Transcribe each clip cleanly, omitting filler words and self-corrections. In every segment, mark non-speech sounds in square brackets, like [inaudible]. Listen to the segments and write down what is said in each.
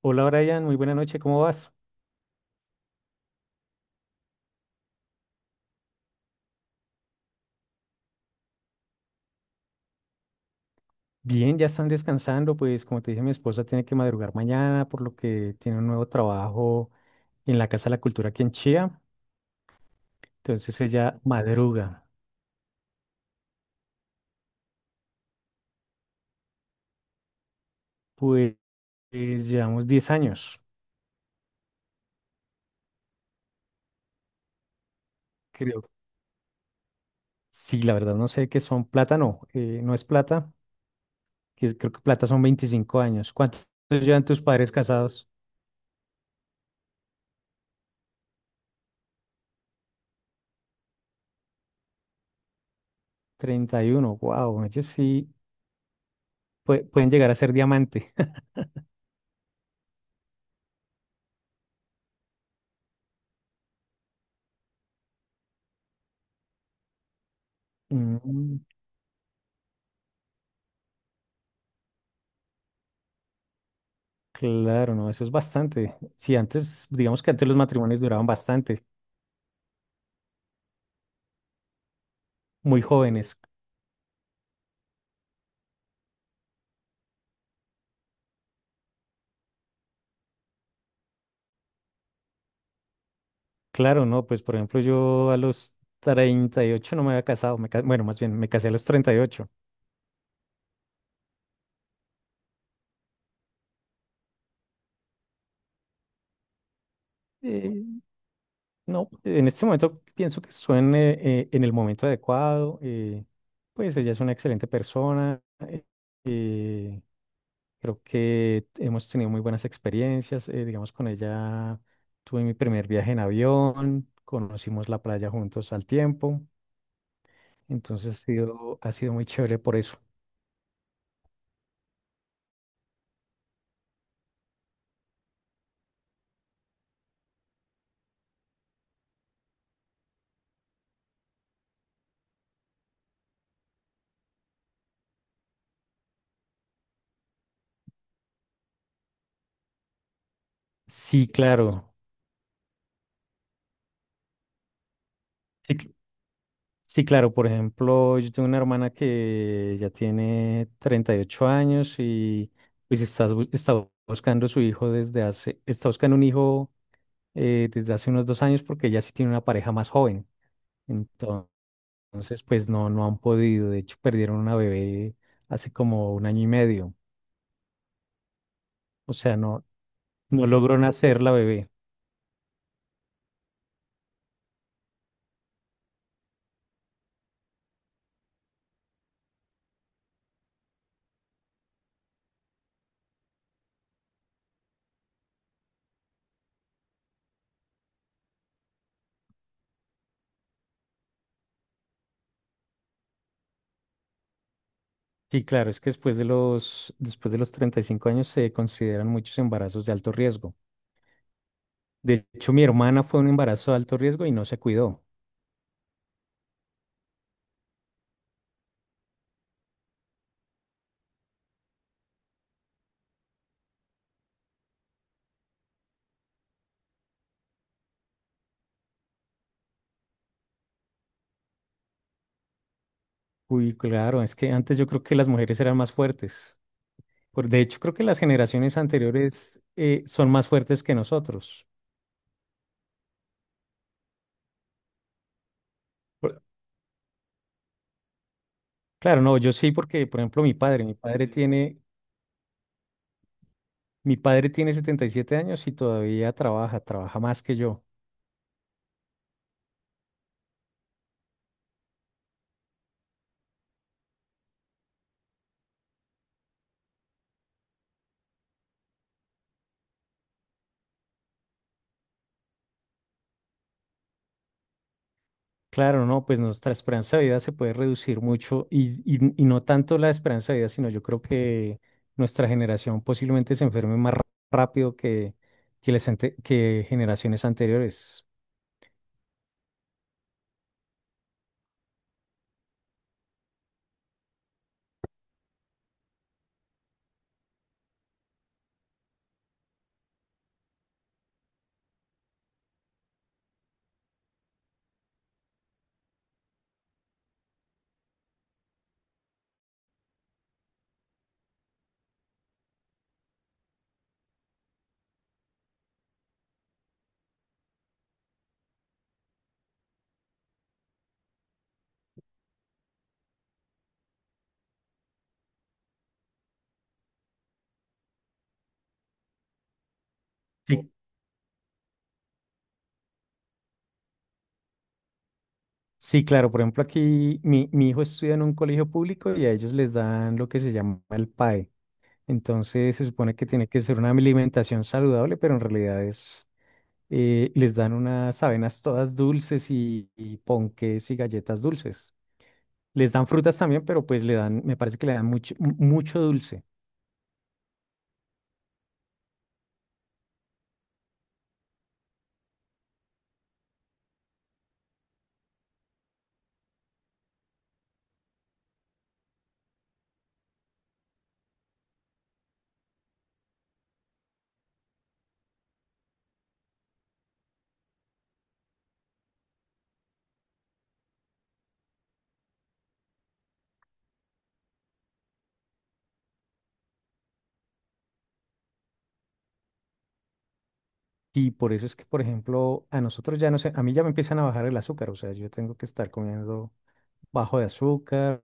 Hola Brian, muy buena noche, ¿cómo vas? Bien, ya están descansando, pues como te dije, mi esposa tiene que madrugar mañana, por lo que tiene un nuevo trabajo en la Casa de la Cultura aquí en Chía, entonces ella madruga. Pues, llevamos 10 años, creo. Sí, la verdad no sé qué son plata, no, no es plata, que creo que plata son 25 años. ¿Cuántos llevan tus padres casados? 31. Wow, ellos sí pueden llegar a ser diamante. [laughs] Mm, claro, no, eso es bastante. Sí, antes, digamos que antes los matrimonios duraban bastante, muy jóvenes. Claro, no, pues por ejemplo yo a los 38 no me había casado, bueno, más bien me casé a los 38. Eh, no, en este momento pienso que estuve en el momento adecuado, pues ella es una excelente persona, eh, creo que hemos tenido muy buenas experiencias, digamos con ella tuve mi primer viaje en avión, conocimos la playa juntos al tiempo. Entonces ha sido muy chévere por eso. Sí, claro. Sí, cl- sí, claro. Por ejemplo, yo tengo una hermana que ya tiene 38 años y pues está buscando su hijo desde hace, está buscando un hijo desde hace unos dos años porque ella sí tiene una pareja más joven. Entonces, pues no, no han podido. De hecho, perdieron una bebé hace como un año y medio. O sea, no, no logró nacer la bebé. Sí, claro, es que después de los 35 años se consideran muchos embarazos de alto riesgo. De hecho, mi hermana fue un embarazo de alto riesgo y no se cuidó. Uy, claro, es que antes yo creo que las mujeres eran más fuertes. De hecho, creo que las generaciones anteriores son más fuertes que nosotros. Por- claro, no, yo sí, porque, por ejemplo, mi padre tiene 77 años y todavía trabaja, trabaja más que yo. Claro, no, pues nuestra esperanza de vida se puede reducir mucho y no tanto la esperanza de vida, sino yo creo que nuestra generación posiblemente se enferme más ra- rápido que generaciones anteriores. Sí, sí, claro, por ejemplo, mi hijo estudia en un colegio público y a ellos les dan lo que se llama el PAE. Entonces se supone que tiene que ser una alimentación saludable, pero les dan unas avenas todas dulces y ponques y galletas dulces. Les dan frutas también, pero pues le dan, me parece que le dan mucho, mu- mucho dulce. Y por eso es que, por ejemplo, a nosotros ya no sé, a mí ya me empiezan a bajar el azúcar, o sea, yo tengo que estar comiendo bajo de azúcar.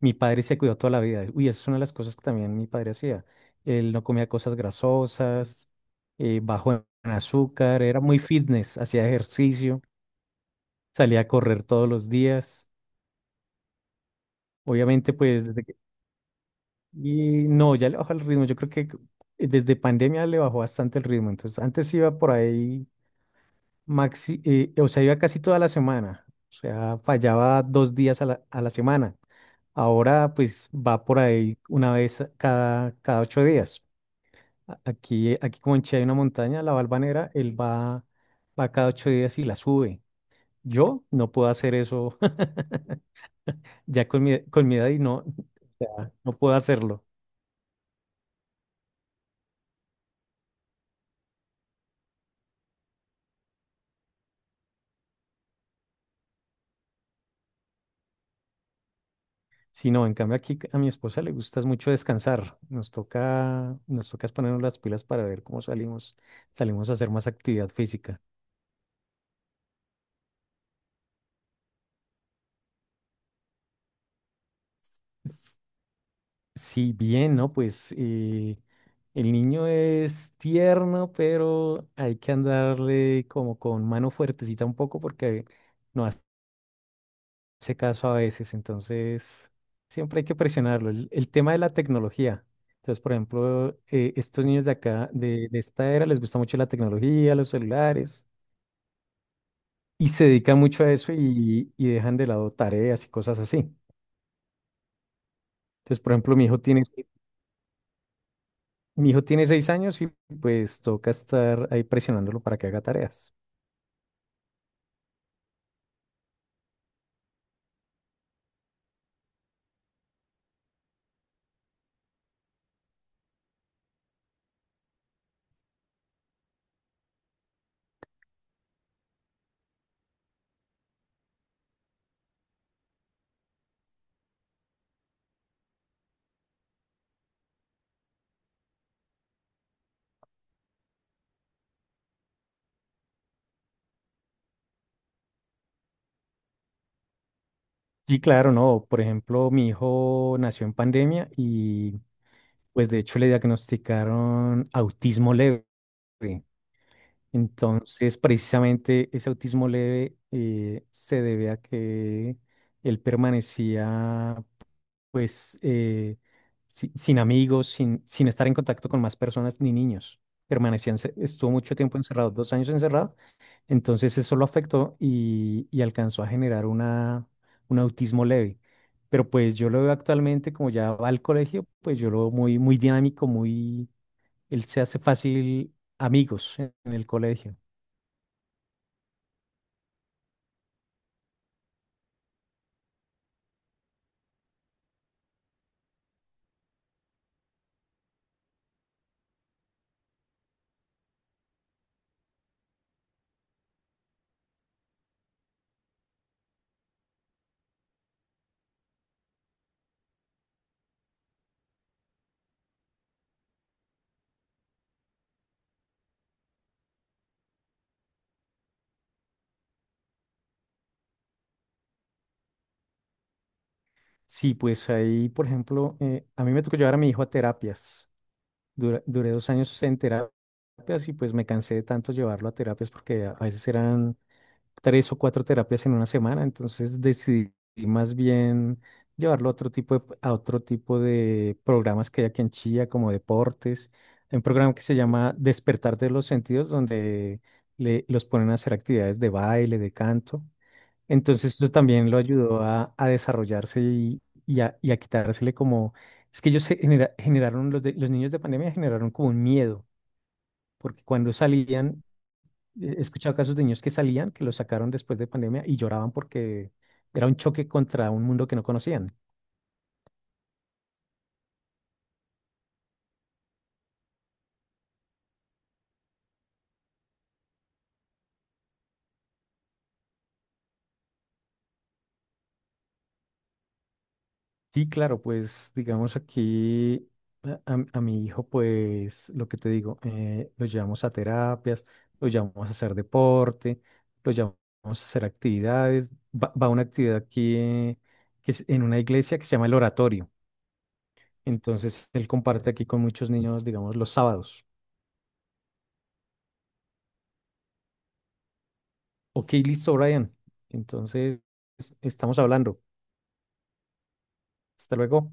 Mi padre se cuidó toda la vida. Uy, esa es una de las cosas que también mi padre hacía. Él no comía cosas grasosas, bajo en azúcar, era muy fitness, hacía ejercicio, salía a correr todos los días. Obviamente, pues desde... Y no, ya le bajó el ritmo. Yo creo que desde pandemia le bajó bastante el ritmo. Entonces, antes iba por ahí o sea, iba casi toda la semana. O sea, fallaba dos días a la semana. Ahora, pues, va por ahí cada, cada ocho días. Aquí, aquí como en Chile hay una montaña, la Valvanera, va cada ocho días y la sube. Yo no puedo hacer eso [laughs] ya con mi edad y no, [laughs] o sea, no puedo hacerlo. Sí, no, en cambio aquí a mi esposa le gusta mucho descansar. Nos toca es ponernos las pilas para ver cómo salimos, salimos a hacer más actividad física. S- Sí, bien, ¿no? Pues el niño es tierno, pero hay que andarle como con mano fuertecita un poco porque no hace caso a veces. Entonces, siempre hay que presionarlo. El tema de la tecnología. Entonces, por ejemplo, estos niños de acá, de esta era, les gusta mucho la tecnología, los celulares. Y se dedican mucho a eso y dejan de lado tareas y cosas así. Entonces, por ejemplo, mi hijo tiene seis años y pues toca estar ahí presionándolo para que haga tareas. Sí claro, no, por ejemplo, mi hijo nació en pandemia y pues de hecho le diagnosticaron autismo leve. Entonces, precisamente ese autismo leve se debe a que él permanecía pues sin amigos, sin estar en contacto con más personas ni niños. Estuvo mucho tiempo encerrado, dos años encerrado, entonces eso lo afectó y alcanzó a generar una, un autismo leve. Pero pues yo lo veo actualmente, como ya va al colegio, pues yo lo veo muy dinámico, muy, él se hace fácil amigos en el colegio. Sí, pues ahí, por ejemplo, a mí me tocó llevar a mi hijo a terapias. Duré dos años en terapias y pues me cansé de tanto llevarlo a terapias porque a veces eran tres o cuatro terapias en una semana, entonces decidí más bien llevarlo a a otro tipo de programas que hay aquí en Chía, como deportes. Hay un programa que se llama Despertar de los Sentidos, donde los ponen a hacer actividades de baile, de canto. Entonces eso también lo ayudó a desarrollarse y a quitársele como, es que ellos generaron, los niños de pandemia generaron como un miedo, porque cuando salían, he escuchado casos de niños que salían, que los sacaron después de pandemia y lloraban porque era un choque contra un mundo que no conocían. Sí, claro, pues digamos aquí a mi hijo, pues lo que te digo, lo llevamos a terapias, lo llevamos a hacer deporte, lo llevamos a hacer actividades. Va a una actividad aquí que es en una iglesia que se llama el oratorio. Entonces él comparte aquí con muchos niños, digamos, los sábados. Ok, listo, Brian. Entonces estamos hablando. Hasta luego.